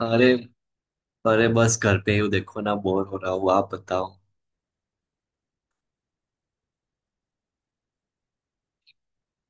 अरे अरे, बस घर पे ही हूँ। देखो ना, बोर हो रहा हूँ। आप बताओ।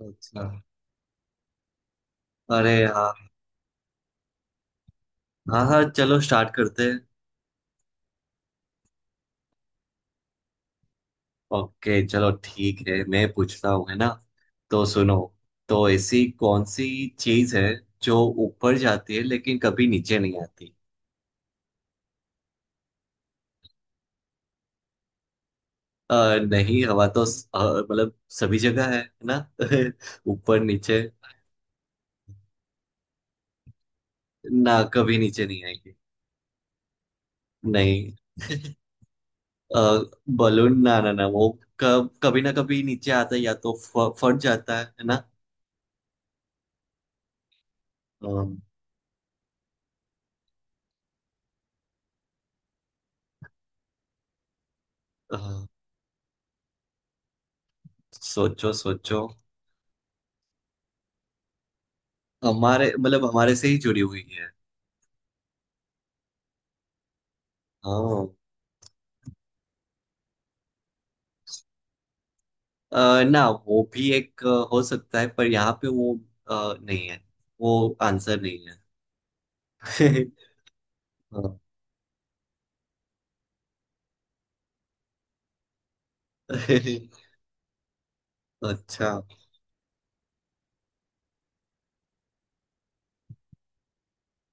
अच्छा। अरे हाँ। हाँ हाँ, चलो स्टार्ट करते हैं। ओके, चलो ठीक है, मैं पूछता हूँ है ना। तो सुनो। तो ऐसी कौन सी चीज है जो ऊपर जाती है लेकिन कभी नीचे नहीं आती। अ, नहीं, हवा तो मतलब सभी जगह है ना। ऊपर नीचे। ना कभी नीचे नहीं आएगी। नहीं। बलून, ना ना ना, वो कब कभी ना कभी नीचे आता है, या तो फट जाता है ना। अम, अ, सोचो सोचो। हमारे मतलब हमारे से ही जुड़ी हुई है। हाँ। ना, वो भी एक हो सकता है, पर यहाँ पे वो नहीं है। वो आंसर नहीं है। हाँ। अच्छा।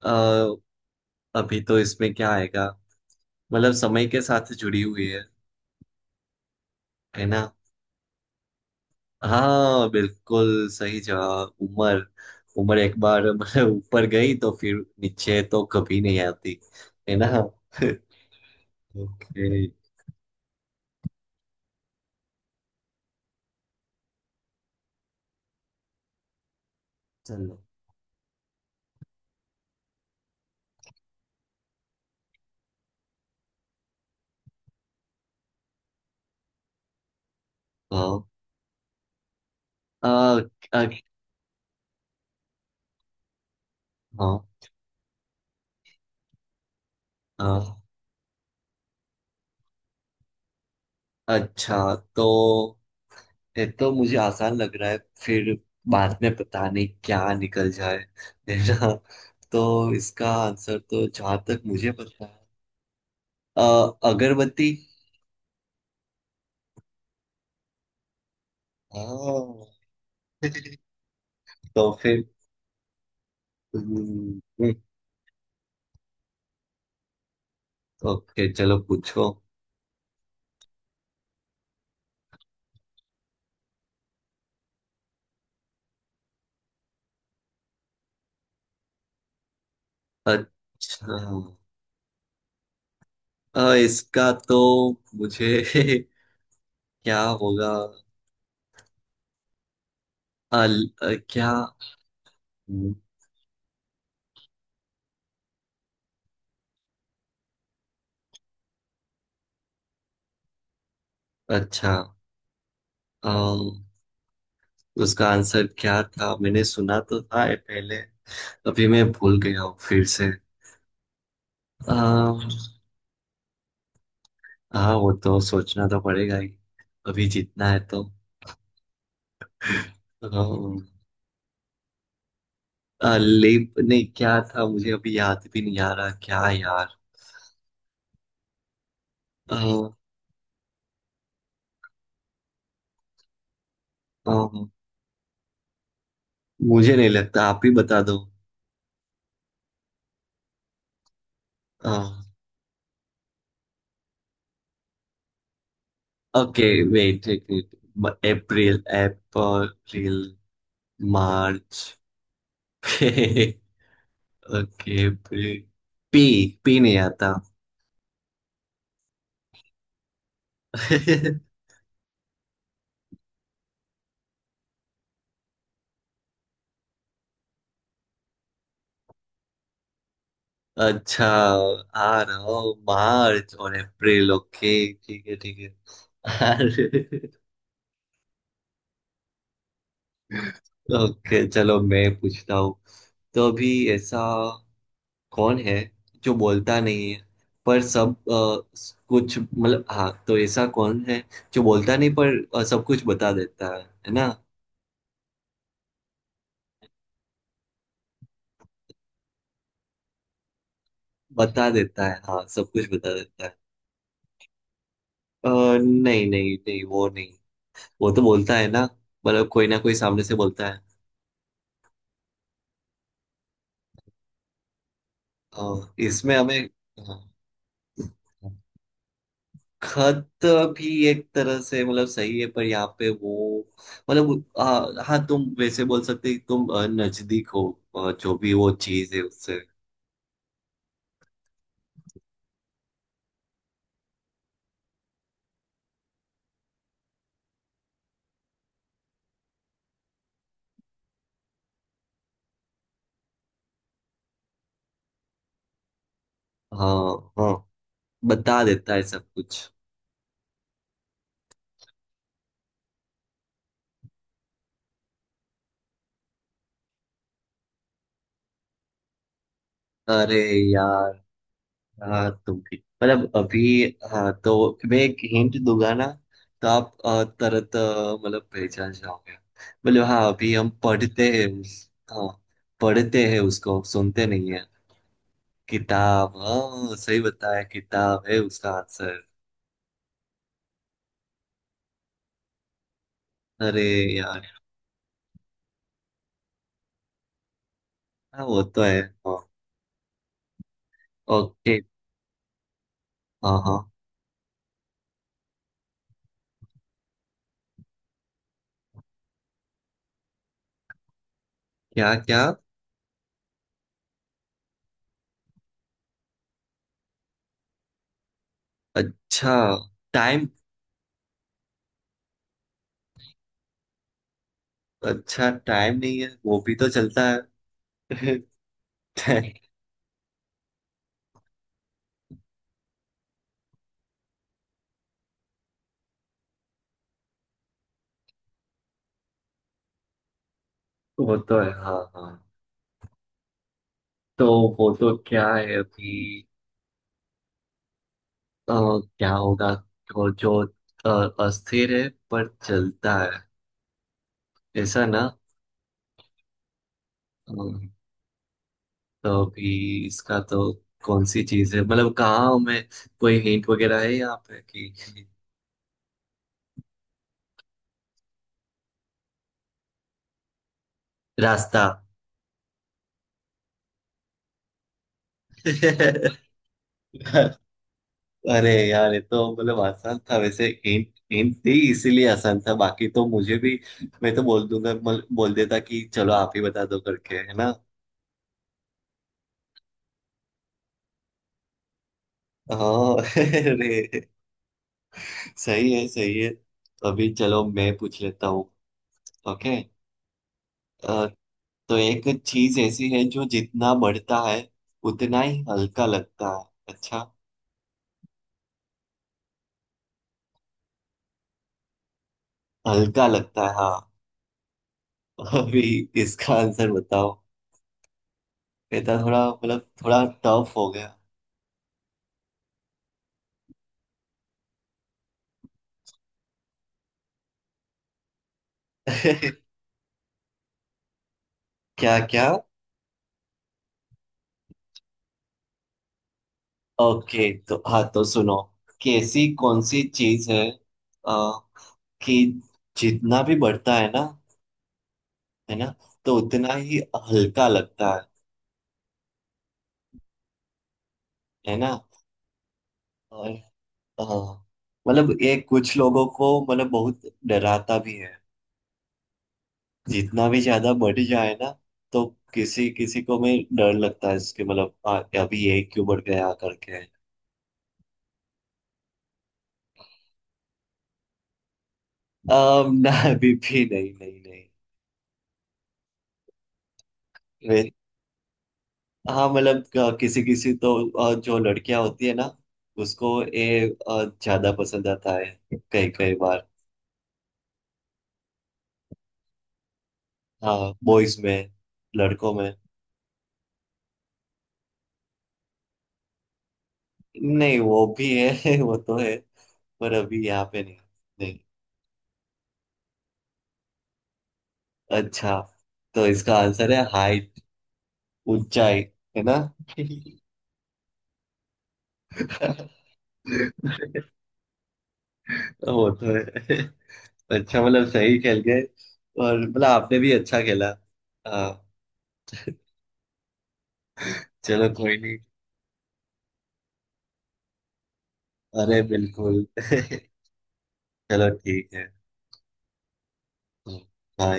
अ, अभी तो इसमें क्या आएगा। मतलब समय के साथ जुड़ी हुई है ना। हाँ, बिल्कुल सही जवाब, उम्र। उम्र एक बार मतलब ऊपर गई, तो फिर नीचे तो कभी नहीं आती, है ना। ओके। चलो। हाँ। आ, आ, हाँ हाँ। अच्छा। तो ये तो मुझे आसान लग रहा है। फिर बाद में पता नहीं क्या निकल जाए, है ना। तो इसका आंसर तो जहां तक मुझे पता है, अ, अगरबत्ती। हाँ। तो फिर हम्म, ओके चलो पूछो। अच्छा। इसका तो मुझे क्या होगा। अल क्या। हम्म, अच्छा। अम, उसका आंसर क्या था, मैंने सुना तो था ये पहले। अभी मैं भूल गया हूँ फिर से। अम, हाँ, वो तो सोचना तो पड़ेगा ही। अभी जीतना है तो। अम, लेप नहीं क्या था, मुझे अभी याद भी नहीं आ रहा क्या यार। अ, अ, मुझे नहीं लगता, आप ही बता दो। ओके, वेट एक minute. April April, March. Okay. April. P. P नहीं आता। अच्छा, आ रहा हूँ, मार्च और अप्रैल। ओके ठीक है ठीक है। अरे। ओके, चलो मैं पूछता हूँ। तो अभी, ऐसा कौन है जो बोलता नहीं है पर सब कुछ, मतलब, हाँ, तो ऐसा कौन है जो बोलता नहीं पर सब कुछ बता देता है ना। बता देता है, हाँ, सब कुछ बता देता है। अ, नहीं नहीं नहीं, वो नहीं। वो तो बोलता है ना। मतलब कोई ना कोई सामने से बोलता है। इसमें हमें हाँ, खत भी एक तरह से मतलब सही है, पर यहाँ पे वो। मतलब हाँ, तुम वैसे बोल सकते हो कि तुम नजदीक हो। जो भी वो चीज है उससे। हाँ हाँ। बता देता है सब कुछ। अरे यार, हाँ तुम भी, मतलब अभी, हाँ तो मैं एक हिंट दूंगा ना। तो आप तरत मतलब पहचान जाओगे। मतलब हाँ, अभी हम पढ़ते हैं उस, हाँ, पढ़ते हैं उसको, सुनते नहीं है। किताब, हाँ सही बताया, किताब है उसका आंसर। अरे यार, हाँ वो तो है, हाँ। ओके, हाँ हाँ। क्या क्या। अच्छा, टाइम। अच्छा, टाइम नहीं है, वो भी तो चलता है। वो तो है, हाँ हाँ। तो वो तो क्या है अभी, अ, क्या होगा वो जो अ, अस्थिर है पर चलता है, ऐसा ना। अ, तो अभी इसका तो, कौन सी चीज है, मतलब कहाँ हमें, कोई हिंट वगैरह है यहाँ पे कि, रास्ता। अरे यार, ये तो मतलब आसान था। वैसे हिंट हिंट थी इसीलिए आसान था, बाकी तो मुझे भी, मैं तो बोल दूंगा, बोल देता कि चलो आप ही बता दो करके, है ना। हाँ। अरे, सही है सही है, तो अभी चलो मैं पूछ लेता हूँ। ओके। अ, तो एक चीज ऐसी है जो जितना बढ़ता है उतना ही हल्का लगता है। अच्छा, हल्का लगता है, हाँ। अभी इसका आंसर बताओ। ये तो थोड़ा मतलब थोड़ा टफ हो गया। क्या क्या। ओके, तो हाँ तो सुनो, कि ऐसी कौन सी चीज है, आ, कि जितना भी बढ़ता है ना, है ना, तो उतना ही हल्का लगता है ना। और हाँ, मतलब ये कुछ लोगों को, मतलब, बहुत डराता भी है। जितना भी ज्यादा बढ़ जाए ना, तो किसी किसी को में डर लगता है इसके, मतलब अभी ये क्यों बढ़ गया करके। ना, अभी भी नहीं नहीं नहीं। हाँ, मतलब किसी किसी तो, जो लड़कियां होती है ना, उसको ये ज्यादा पसंद आता है कई कई बार। हाँ, बॉयज में, लड़कों में। नहीं, वो भी है। वो तो है, पर अभी यहाँ पे नहीं। नहीं। अच्छा, तो इसका आंसर है हाइट। ऊंचाई, है ना। वो तो है। अच्छा, मतलब सही खेल गए, और मतलब आपने भी अच्छा खेला। हाँ। चलो, कोई नहीं। अरे बिल्कुल। चलो ठीक है। हाँ।